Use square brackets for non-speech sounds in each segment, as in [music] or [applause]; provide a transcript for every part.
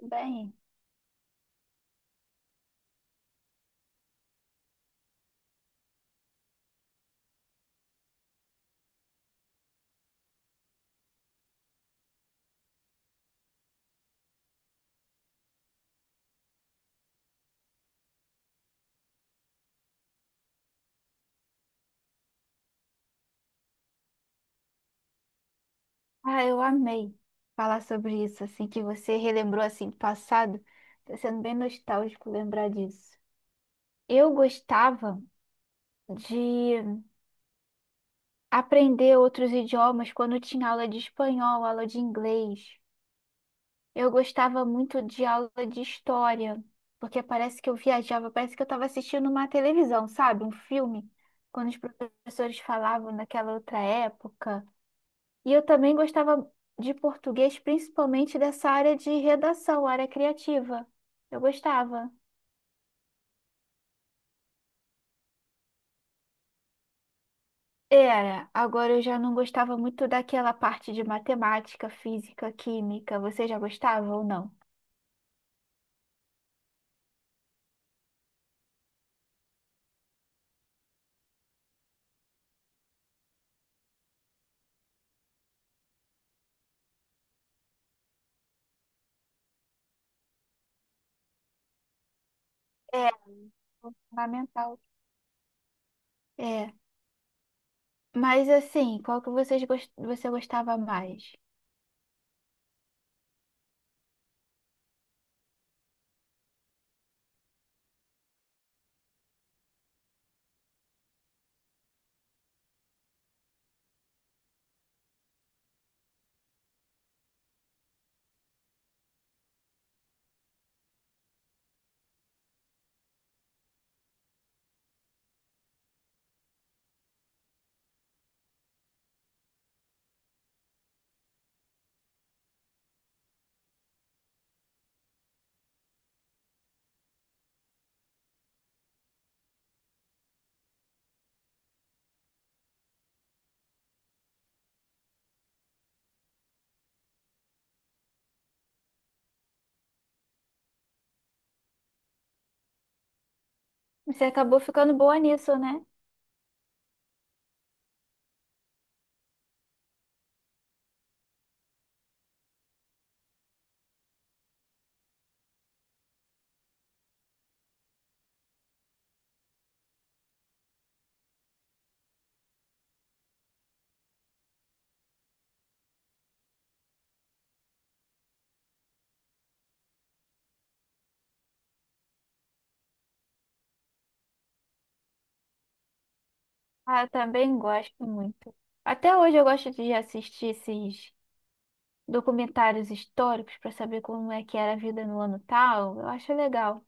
Bem, eu amei falar sobre isso, assim, que você relembrou, assim, do passado. Tá sendo bem nostálgico lembrar disso. Eu gostava de aprender outros idiomas quando tinha aula de espanhol, aula de inglês. Eu gostava muito de aula de história, porque parece que eu viajava, parece que eu estava assistindo uma televisão, sabe? Um filme, quando os professores falavam naquela outra época. E eu também gostava de português, principalmente dessa área de redação, área criativa. Eu gostava. Era, agora eu já não gostava muito daquela parte de matemática, física, química. Você já gostava ou não? É, fundamental. É, mas assim, qual que vocês gos- você gostava mais? Você acabou ficando boa nisso, né? Ah, eu também gosto muito. Até hoje eu gosto de assistir esses documentários históricos para saber como é que era a vida no ano tal. Eu acho legal.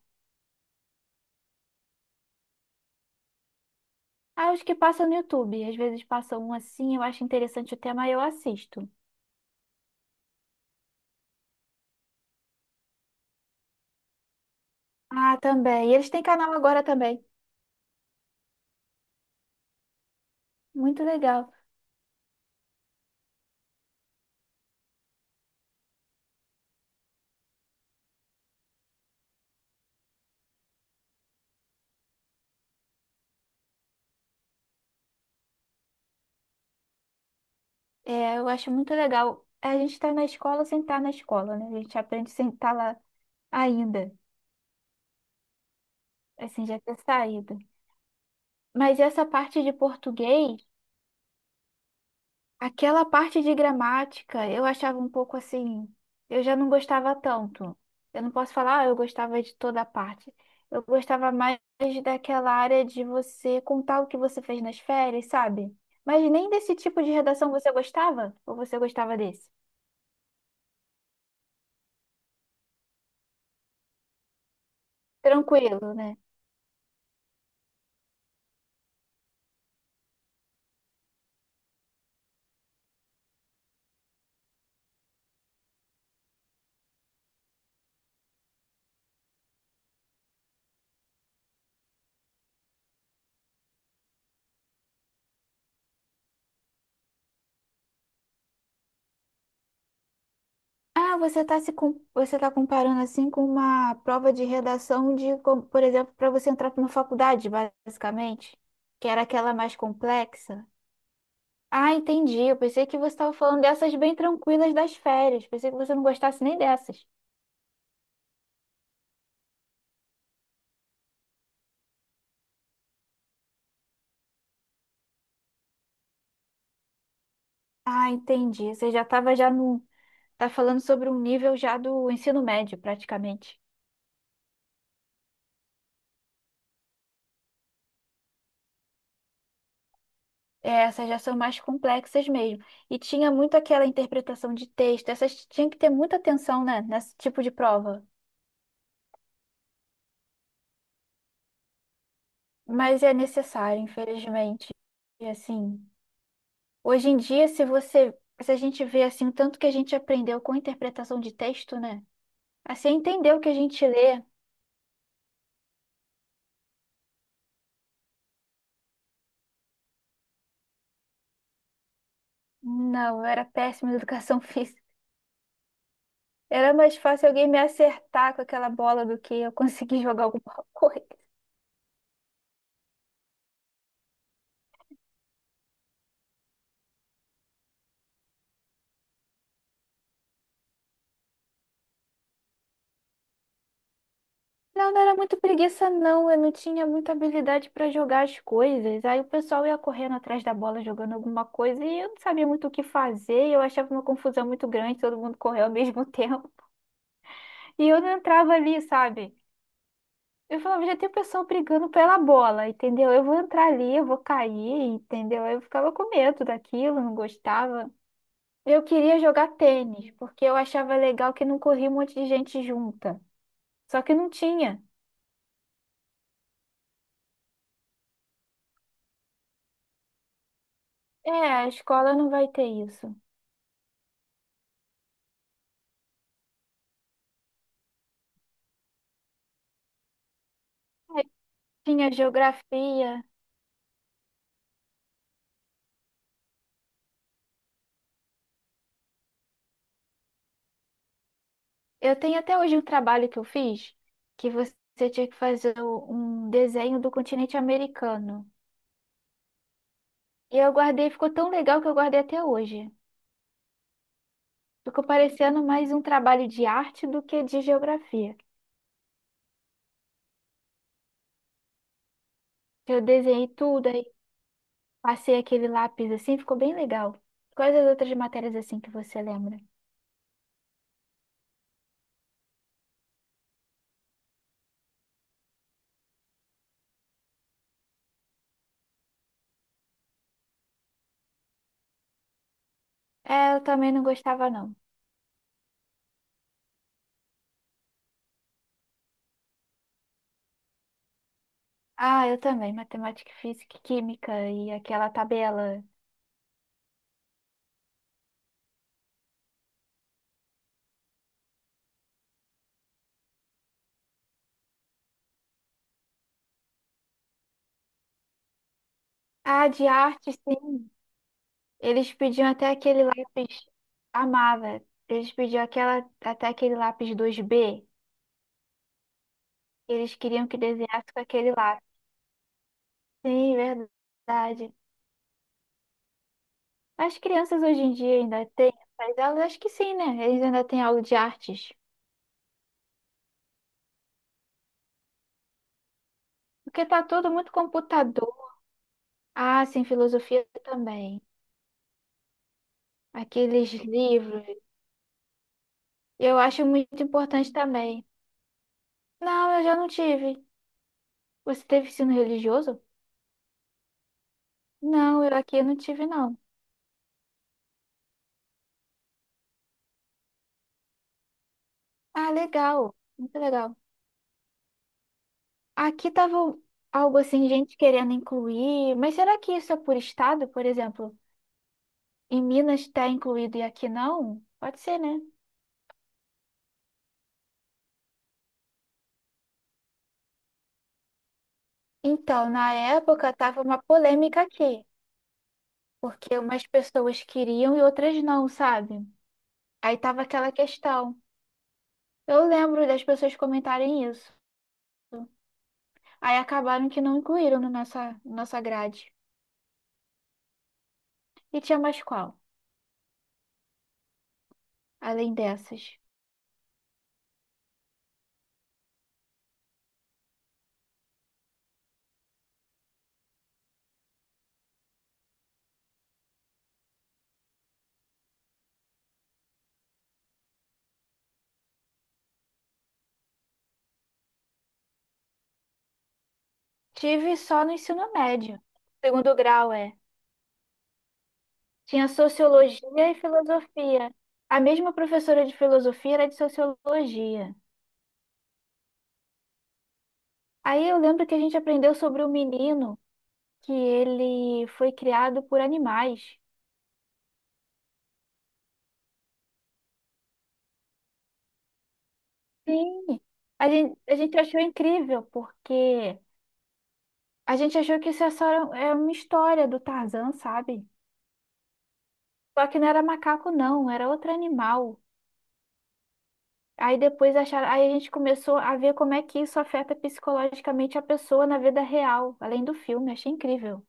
Ah, os que passam no YouTube. Às vezes passam um assim, eu acho interessante o tema e eu assisto. Ah, também. E eles têm canal agora também. Muito legal. É, eu acho muito legal. A gente está na escola sem estar na escola, né? A gente aprende sem estar lá ainda. Assim, já ter saído. Mas essa parte de português. Aquela parte de gramática eu achava um pouco assim, eu já não gostava tanto. Eu não posso falar, ah, eu gostava de toda a parte. Eu gostava mais daquela área de você contar o que você fez nas férias, sabe? Mas nem desse tipo de redação você gostava? Ou você gostava desse? Tranquilo, né? Ah, você tá se com... Você tá comparando assim com uma prova de redação de, como, por exemplo, para você entrar para uma faculdade, basicamente, que era aquela mais complexa. Ah, entendi. Eu pensei que você estava falando dessas bem tranquilas das férias. Pensei que você não gostasse nem dessas. Ah, entendi. Você já estava já no, tá falando sobre um nível já do ensino médio, praticamente. É, essas já são mais complexas mesmo. E tinha muito aquela interpretação de texto. Essas tinha que ter muita atenção, né, nesse tipo de prova. Mas é necessário, infelizmente. E assim, hoje em dia, se a gente vê assim o tanto que a gente aprendeu com interpretação de texto, né? Assim, entender o que a gente lê. Não, eu era péssima em educação [laughs] física. Era mais fácil alguém me acertar com aquela bola do que eu conseguir jogar alguma [laughs] coisa. Não, não era muito preguiça, não. Eu não tinha muita habilidade para jogar as coisas. Aí o pessoal ia correndo atrás da bola, jogando alguma coisa, e eu não sabia muito o que fazer. Eu achava uma confusão muito grande, todo mundo correu ao [laughs] mesmo tempo. E eu não entrava ali, sabe? Eu falava, já tem pessoa brigando pela bola, entendeu? Eu vou entrar ali, eu vou cair, entendeu? Eu ficava com medo daquilo, não gostava. Eu queria jogar tênis, porque eu achava legal que não corria um monte de gente junta. Só que não tinha. É, a escola não vai ter isso. Aí tinha geografia. Eu tenho até hoje um trabalho que eu fiz, que você tinha que fazer um desenho do continente americano. E eu guardei, ficou tão legal que eu guardei até hoje. Ficou parecendo mais um trabalho de arte do que de geografia. Eu desenhei tudo, aí passei aquele lápis assim, ficou bem legal. Quais as outras matérias assim que você lembra? É, eu também não gostava, não. Ah, eu também, matemática, física, e química e aquela tabela. Ah, de arte, sim. Eles pediam até aquele lápis, amava. Eles pediam aquela, até aquele lápis 2B. Eles queriam que desenhasse com aquele lápis. Sim, verdade. As crianças hoje em dia ainda têm essas aulas? Acho que sim, né? Eles ainda têm aula de artes. Porque tá tudo muito computador. Ah, sim, filosofia também. Aqueles livros. Eu acho muito importante também. Não, eu já não tive. Você teve ensino religioso? Não, eu aqui eu não tive, não. Ah, legal. Muito legal. Aqui tava algo assim, gente querendo incluir, mas será que isso é por estado, por exemplo? Em Minas está incluído e aqui não? Pode ser, né? Então, na época tava uma polêmica aqui, porque umas pessoas queriam e outras não, sabe? Aí tava aquela questão. Eu lembro das pessoas comentarem isso. Aí acabaram que não incluíram na nossa grade. E tinha mais qual, além dessas? Tive só no ensino médio. Segundo grau, é. Tinha sociologia e filosofia. A mesma professora de filosofia era de sociologia. Aí eu lembro que a gente aprendeu sobre um menino que ele foi criado por animais. Sim. A gente achou incrível, porque a gente achou que isso é só é uma história do Tarzan, sabe? Só que não era macaco, não, era outro animal. Aí depois acharam, aí a gente começou a ver como é que isso afeta psicologicamente a pessoa na vida real, além do filme, achei incrível.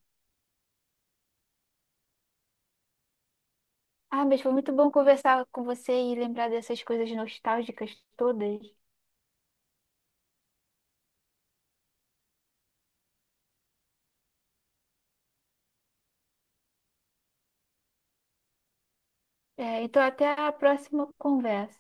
Ah, mas foi muito bom conversar com você e lembrar dessas coisas nostálgicas todas. É, então até a próxima conversa.